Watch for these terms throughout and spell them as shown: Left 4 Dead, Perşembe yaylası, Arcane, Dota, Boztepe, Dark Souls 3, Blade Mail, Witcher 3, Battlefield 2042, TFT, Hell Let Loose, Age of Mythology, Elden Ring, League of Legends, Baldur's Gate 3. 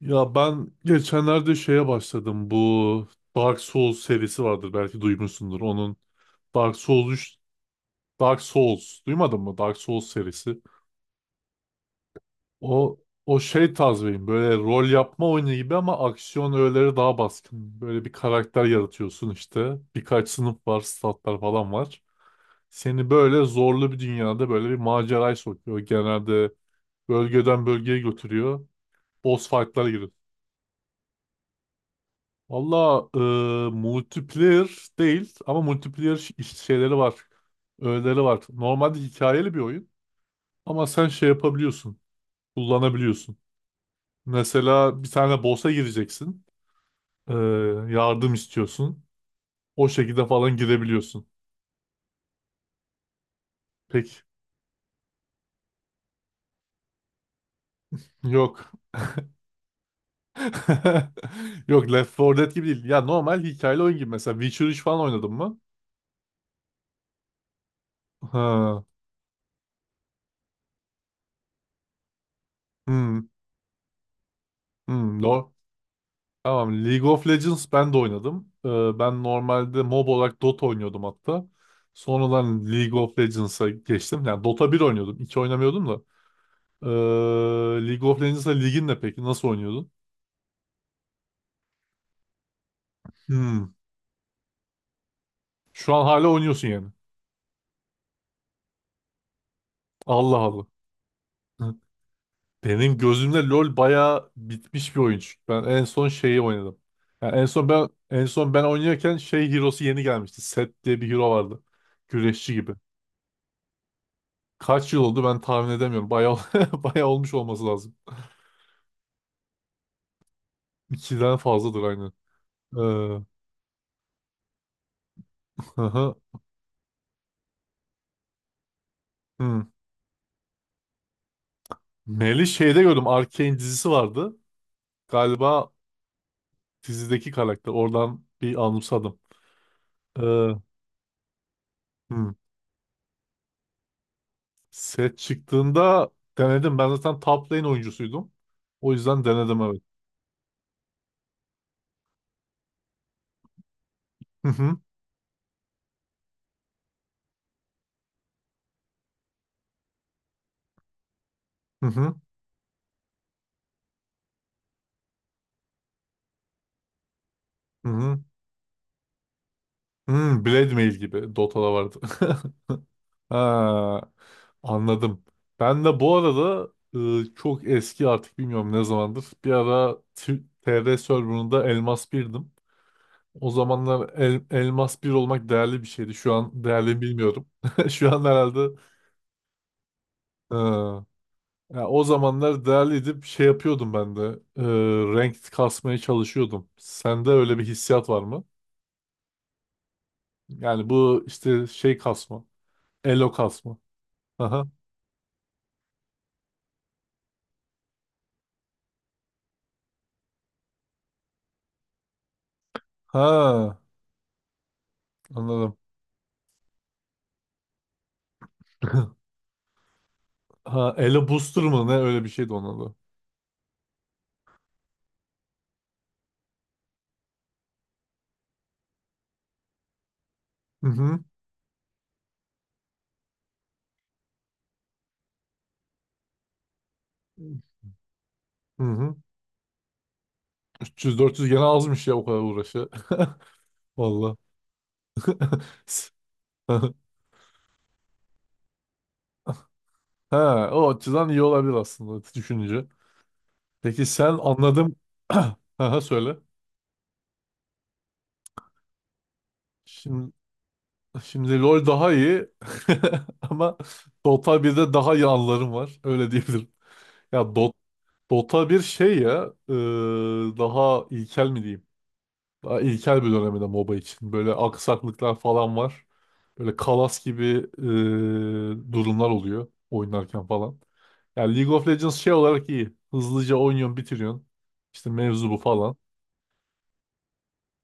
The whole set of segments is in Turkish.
Ya ben geçenlerde şeye başladım. Bu Dark Souls serisi vardır belki duymuşsundur. Onun Dark Souls 3, Dark Souls duymadın mı? Dark Souls serisi. O o şey tarzıyım. Böyle rol yapma oyunu gibi ama aksiyon öğeleri daha baskın. Böyle bir karakter yaratıyorsun işte. Birkaç sınıf var, statlar falan var. Seni böyle zorlu bir dünyada böyle bir maceraya sokuyor. Genelde bölgeden bölgeye götürüyor. Boss fight'lara giriyor. Valla, multiplayer değil ama multiplayer şeyleri var. Öğeleri var. Normalde hikayeli bir oyun ama sen şey yapabiliyorsun. Kullanabiliyorsun. Mesela bir tane boss'a gireceksin. e, yardım istiyorsun. O şekilde falan girebiliyorsun. Peki. Yok. Yok, Left 4 Dead gibi değil. Ya normal hikayeli oyun gibi. Mesela Witcher 3 falan oynadın mı? Ha. Hmm. Hmm. No. Tamam, League of Legends ben de oynadım. Ben normalde mob olarak Dota oynuyordum hatta. Sonradan League of Legends'a geçtim. Yani Dota bir oynuyordum. 2 oynamıyordum da. Ee, League of Legends'a ligin ne peki? Nasıl oynuyordun? Hmm. Şu an hala oynuyorsun yani. Allah Allah. Hı. Benim gözümde LoL bayağı bitmiş bir oyun, çünkü ben en son şeyi oynadım. Yani en son ben oynarken şey hero'su yeni gelmişti. Set diye bir hero vardı. Güreşçi gibi. Kaç yıl oldu ben tahmin edemiyorum. Bayağı bayağı olmuş olması lazım. İkiden fazladır aynen. Ee, hı hı. Hı. Mel'i şeyde gördüm. Arcane dizisi vardı. Galiba dizideki karakter. Oradan bir anımsadım. Ee, hı. Set çıktığında denedim. Ben zaten top lane oyuncusuydum. O yüzden denedim, evet. Hı hı. Hı hı. Hı hı. Hı, Blade Mail gibi Dota'da vardı. Ha, anladım. Ben de bu arada, çok eski, artık bilmiyorum ne zamandır. Bir ara TR serverında Elmas birdim. O zamanlar Elmas bir olmak değerli bir şeydi. Şu an değerli mi bilmiyorum. Şu an herhalde ya, o zamanlar değerliydi. Bir şey yapıyordum ben de. E, ranked kasmaya çalışıyordum. Sende öyle bir hissiyat var mı? Yani bu işte şey kasma. Elo kasma. Aha. Ha, anladım. Ha, Ele Booster mı ne, öyle bir şeydi onun adı. Hı hı. Hı hı. 300-400 gene azmış ya o kadar uğraşı. Valla. Ha, o açıdan iyi olabilir aslında, düşününce. Peki, sen, anladım. Aha, söyle. Şimdi, şimdi LoL daha iyi ama Dota 1'de daha iyi anılarım var. Öyle diyebilirim. Ya Dota 1 şey ya, daha ilkel mi diyeyim? Daha ilkel bir döneminde MOBA için. Böyle aksaklıklar falan var. Böyle kalas gibi durumlar oluyor oynarken falan. Yani League of Legends şey olarak iyi. Hızlıca oynuyorsun, bitiriyorsun. İşte mevzu bu falan.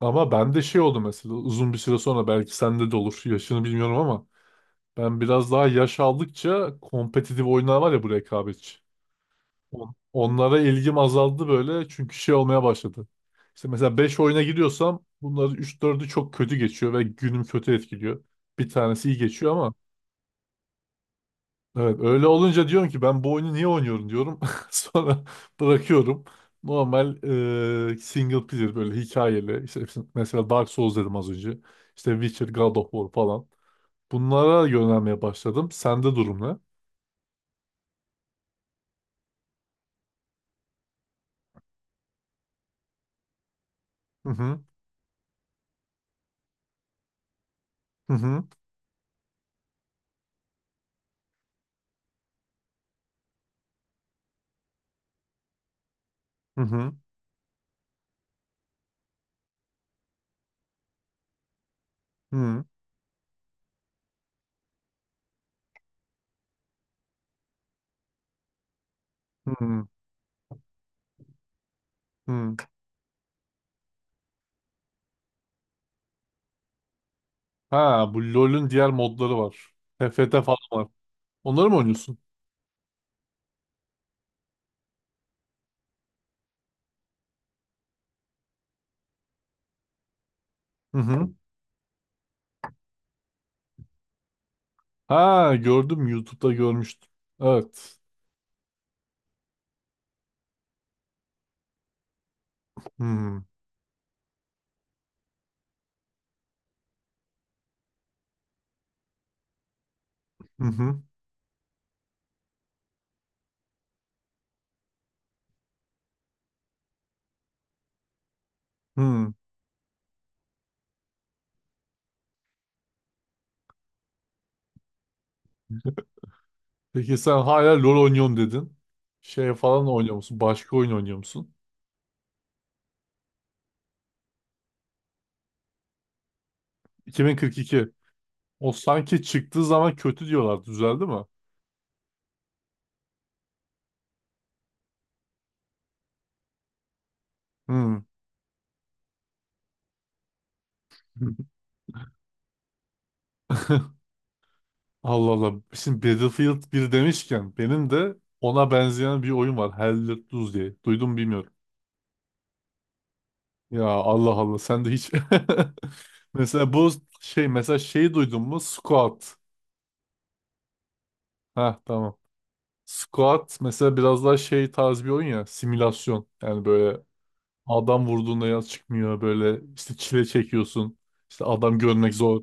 Ama bende şey oldu, mesela uzun bir süre sonra belki sende de olur. Yaşını bilmiyorum ama ben biraz daha yaş aldıkça, kompetitif oyunlar var ya, bu rekabetçi. Onlara ilgim azaldı, böyle çünkü şey olmaya başladı. İşte mesela 5 oyuna giriyorsam bunların üç dördü çok kötü geçiyor ve günüm kötü etkiliyor. Bir tanesi iyi geçiyor ama evet, öyle olunca diyorum ki, ben bu oyunu niye oynuyorum diyorum. Sonra bırakıyorum. Normal single player, böyle hikayeli. İşte mesela Dark Souls dedim az önce. İşte Witcher, God of War falan. Bunlara yönelmeye başladım. Sende durum ne? Hı hı. Hı hı. Hı hı. Hı hı. Hı hı. Ha, bu LoL'ün diğer modları var. TFT falan var. Onları mı oynuyorsun? Hı hı. Ha, gördüm, YouTube'da görmüştüm. Evet. Hı hı. Hı. Hı. Peki, sen hala LoL oynuyorum dedin. Şey falan oynuyor musun? Başka oyun oynuyor musun? 2042. O sanki çıktığı zaman kötü diyorlar. Düzeldi mi? Hı. Allah Allah. Şimdi Battlefield bir demişken, benim de ona benzeyen bir oyun var. Hell Let Loose diye. Duydum bilmiyorum. Ya Allah Allah, sen de hiç mesela bu şey, mesela şeyi duydun mu, squat? Ha tamam, squat mesela biraz daha şey tarz bir oyun, ya simülasyon yani. Böyle adam vurduğunda yaz çıkmıyor, böyle işte çile çekiyorsun, işte adam görmek zor,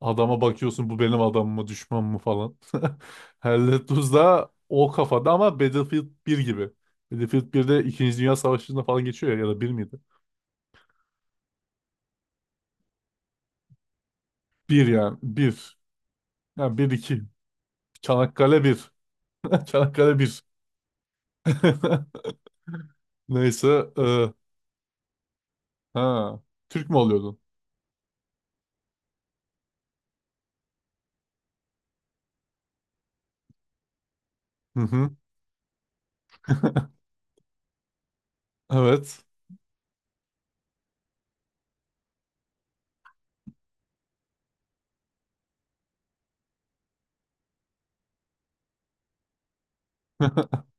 adama bakıyorsun bu benim adam mı düşman mı falan. Hell Let Loose da o kafada ama Battlefield bir gibi. Battlefield 1'de 2. Dünya Savaşı'nda falan geçiyor ya, ya da bir miydi? Bir, yani bir. Yani bir iki. Çanakkale bir. Çanakkale bir. Neyse. e, ha. Türk mü oluyordun? Hı hı. Evet.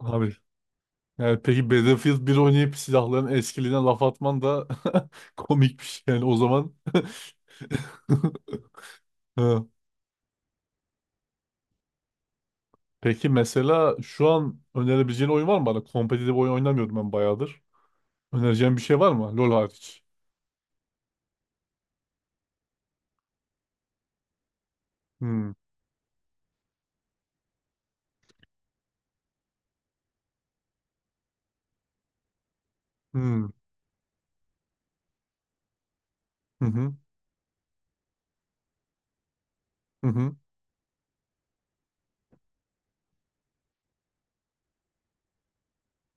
Abi. Yani peki Battlefield 1 oynayıp silahların eskiliğine laf atman da komik bir şey. Yani, o zaman. Ha. Peki mesela şu an önerebileceğin oyun var mı bana? Kompetitif oyun oynamıyordum ben bayağıdır. Önereceğin bir şey var mı? LoL hariç. Hmm. Hmm. Hı hı. Hı hı.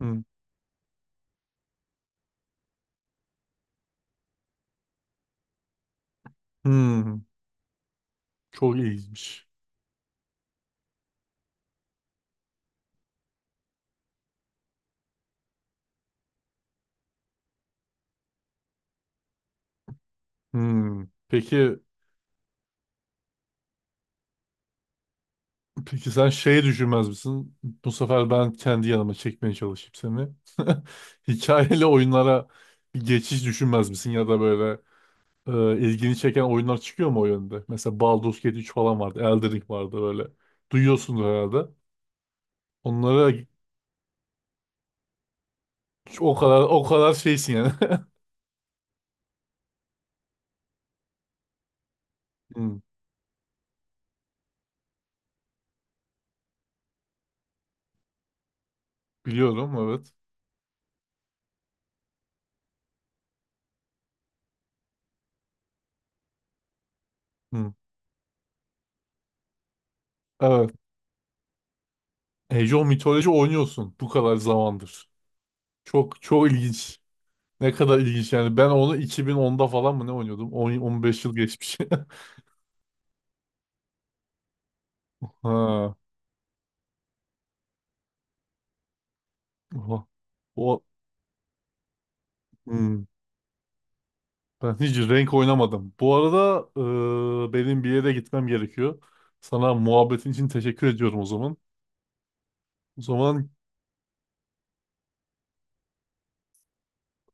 Hı. Hmm. Çok iyiymiş. Hmm. Peki. Peki, sen şey düşünmez misin? Bu sefer ben kendi yanıma çekmeye çalışayım seni. Hikayeli oyunlara bir geçiş düşünmez misin? Ya da böyle ilgini çeken oyunlar çıkıyor mu o yönde? Mesela Baldur's Gate 3 falan vardı. Elden Ring vardı böyle. Duyuyorsundur herhalde. Onlara o kadar, o kadar şeysin yani. Hmm, biliyorum evet. Hmm, evet. Age of Mythology oynuyorsun bu kadar zamandır. Çok çok ilginç. Ne kadar ilginç yani. Ben onu 2010'da falan mı ne oynuyordum? 10, 15 yıl geçmiş. Ha. Oha. O hmm. Ben hiç renk oynamadım. Bu arada, benim bir yere gitmem gerekiyor. Sana muhabbetin için teşekkür ediyorum o zaman. O zaman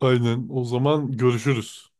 aynen. O zaman görüşürüz.